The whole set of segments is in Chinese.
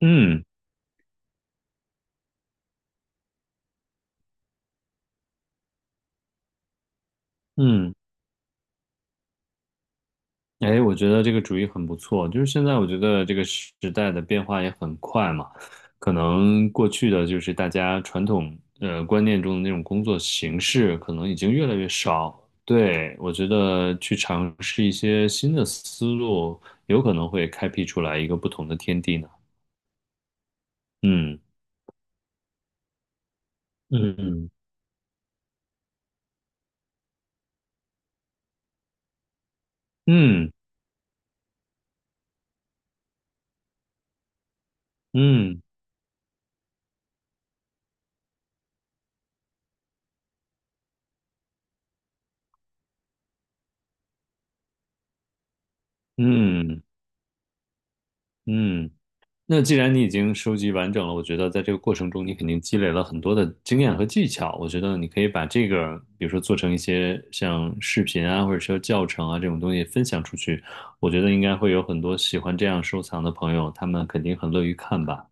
嗯嗯，哎，我觉得这个主意很不错。就是现在，我觉得这个时代的变化也很快嘛，可能过去的就是大家传统观念中的那种工作形式，可能已经越来越少。对，我觉得去尝试一些新的思路，有可能会开辟出来一个不同的天地呢。嗯嗯嗯嗯嗯嗯嗯。那既然你已经收集完整了，我觉得在这个过程中，你肯定积累了很多的经验和技巧。我觉得你可以把这个，比如说做成一些像视频啊，或者说教程啊这种东西分享出去。我觉得应该会有很多喜欢这样收藏的朋友，他们肯定很乐于看吧。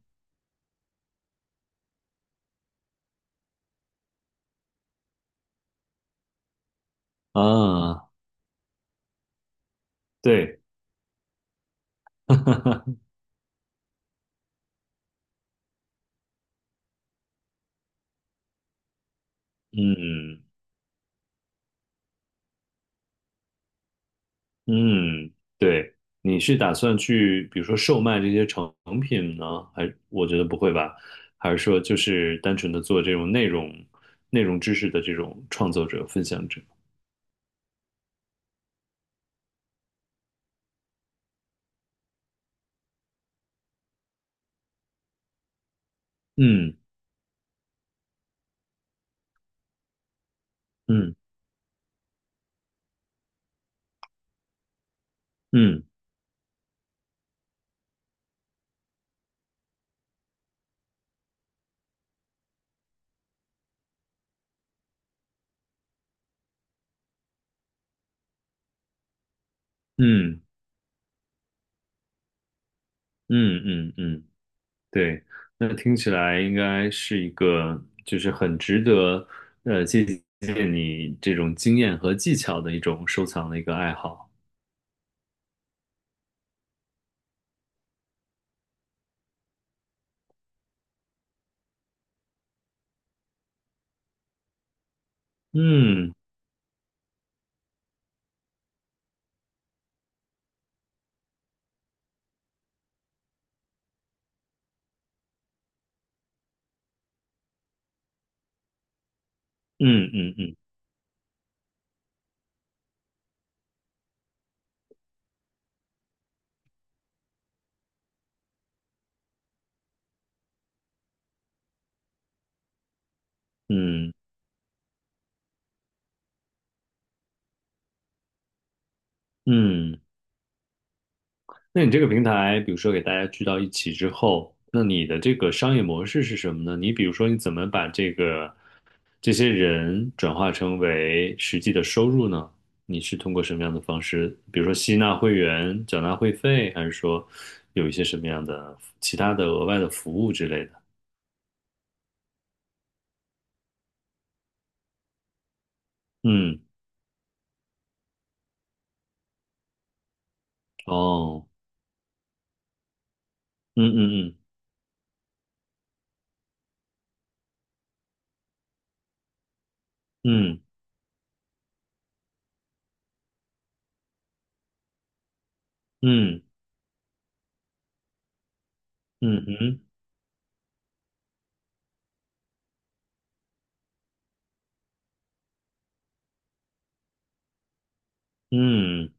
啊，对，嗯，嗯，对，你是打算去，比如说售卖这些成品呢？还我觉得不会吧？还是说就是单纯的做这种内容、内容知识的这种创作者、分享者？嗯嗯嗯嗯嗯嗯嗯，对，那听起来应该是一个就是很值得借鉴你这种经验和技巧的一种收藏的一个爱好。嗯嗯嗯嗯嗯嗯。那你这个平台，比如说给大家聚到一起之后，那你的这个商业模式是什么呢？你比如说，你怎么把这个这些人转化成为实际的收入呢？你是通过什么样的方式？比如说吸纳会员、缴纳会费，还是说有一些什么样的其他的额外的服务之类的？嗯，哦，嗯嗯嗯嗯嗯嗯嗯嗯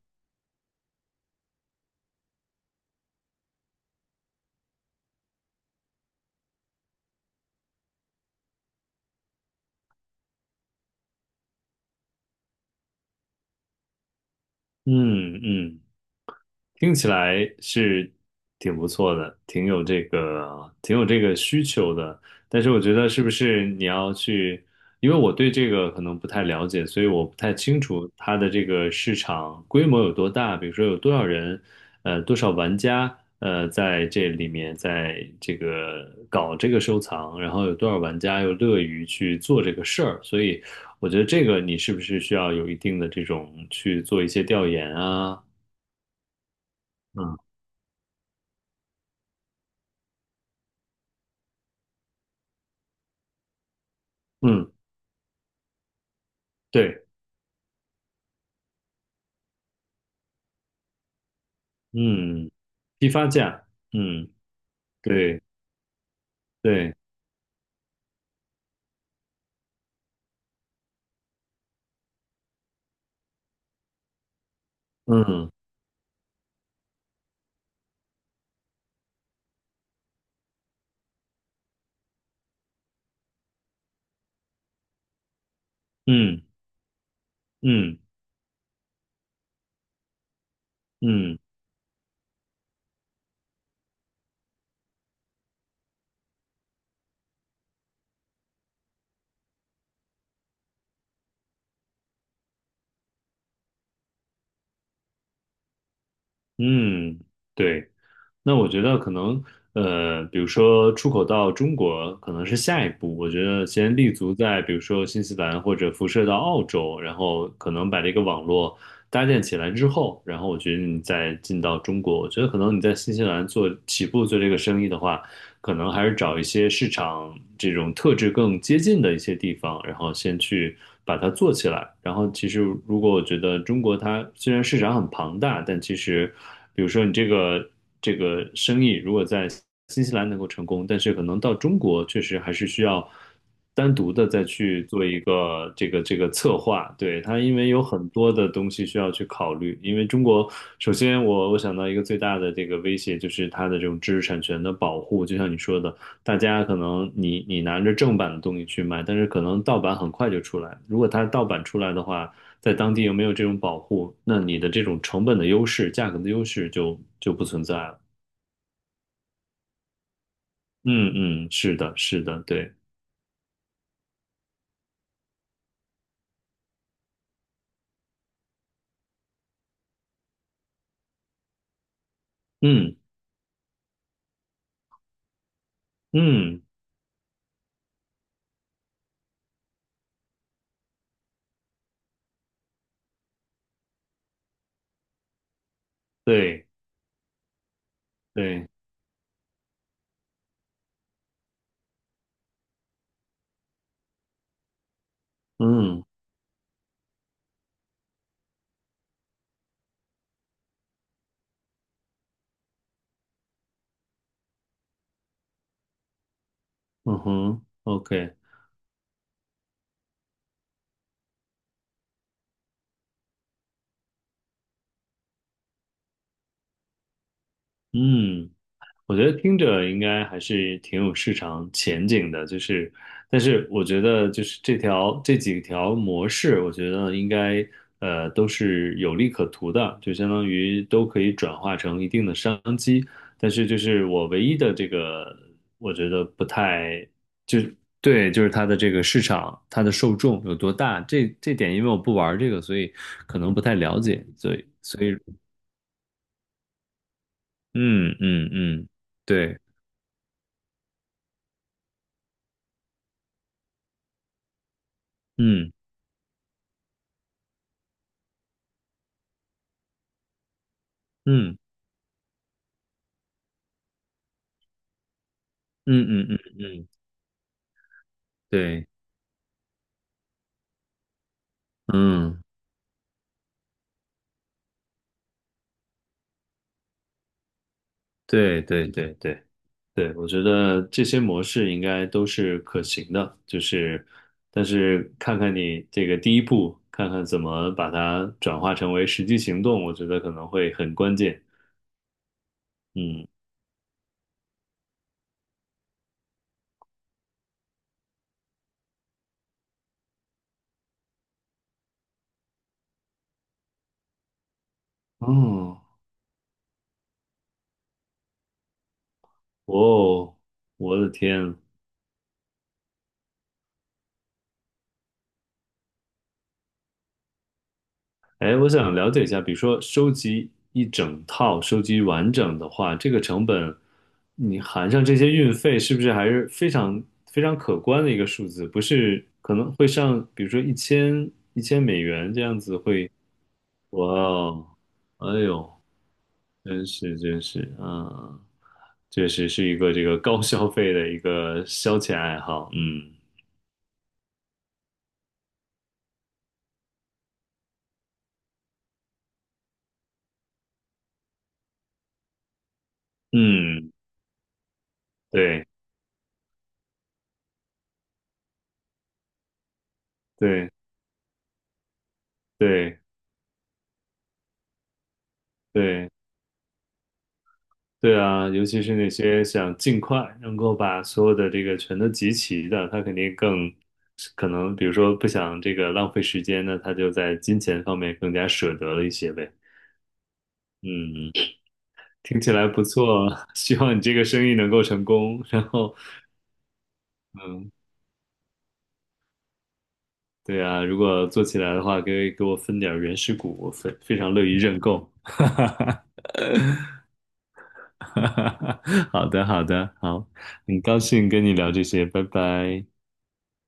嗯嗯嗯。听起来是挺不错的，挺有这个，挺有这个需求的。但是我觉得是不是你要去，因为我对这个可能不太了解，所以我不太清楚它的这个市场规模有多大，比如说有多少人，多少玩家，在这里面，在这个搞这个收藏，然后有多少玩家又乐于去做这个事儿，所以我觉得这个你是不是需要有一定的这种去做一些调研啊？嗯。嗯对，嗯，批发价，嗯，对对，嗯嗯嗯嗯嗯，对。那我觉得可能，比如说出口到中国可能是下一步，我觉得先立足在比如说新西兰或者辐射到澳洲，然后可能把这个网络搭建起来之后，然后我觉得你再进到中国，我觉得可能你在新西兰做起步做这个生意的话。可能还是找一些市场这种特质更接近的一些地方，然后先去把它做起来。然后其实如果我觉得中国它虽然市场很庞大，但其实比如说你这个这个生意如果在新西兰能够成功，但是可能到中国确实还是需要。单独的再去做一个这个这个策划，对，它因为有很多的东西需要去考虑，因为中国首先我想到一个最大的这个威胁就是它的这种知识产权的保护，就像你说的，大家可能你拿着正版的东西去卖，但是可能盗版很快就出来，如果它盗版出来的话，在当地又没有这种保护，那你的这种成本的优势、价格的优势就不存在了。嗯嗯，是的，是的，对，嗯嗯，对对，嗯。嗯哼，OK,嗯，我觉得听着应该还是挺有市场前景的，就是，但是我觉得就是这条这几条模式，我觉得应该都是有利可图的，就相当于都可以转化成一定的商机，但是就是我唯一的这个，我觉得不太对，就是它的这个市场，它的受众有多大，这这点因为我不玩这个，所以可能不太了解，所以。嗯嗯嗯，对，嗯嗯嗯嗯嗯嗯，对，嗯对对对对对，我觉得这些模式应该都是可行的，就是，但是看看你这个第一步，看看怎么把它转化成为实际行动，我觉得可能会很关键。嗯，哦，哦，我的天，哎，我想了解一下，比如说收集一整套，收集完整的话，这个成本你含上这些运费，是不是还是非常非常可观的一个数字？不是可能会上，比如说一千1000美元这样子会，哇哦，哎呦，真是真是，嗯，确实是一个这个高消费的一个消遣爱好，嗯嗯，对对对对。对啊，尤其是那些想尽快能够把所有的这个全都集齐的，他肯定更可能，比如说不想这个浪费时间呢，他就在金钱方面更加舍得了一些呗。嗯，听起来不错，希望你这个生意能够成功。然后，嗯，对啊，如果做起来的话，给我分点儿原始股，我非常乐意认购。哈哈哈哈哈哈！好的，好的，好，很高兴跟你聊这些，拜拜。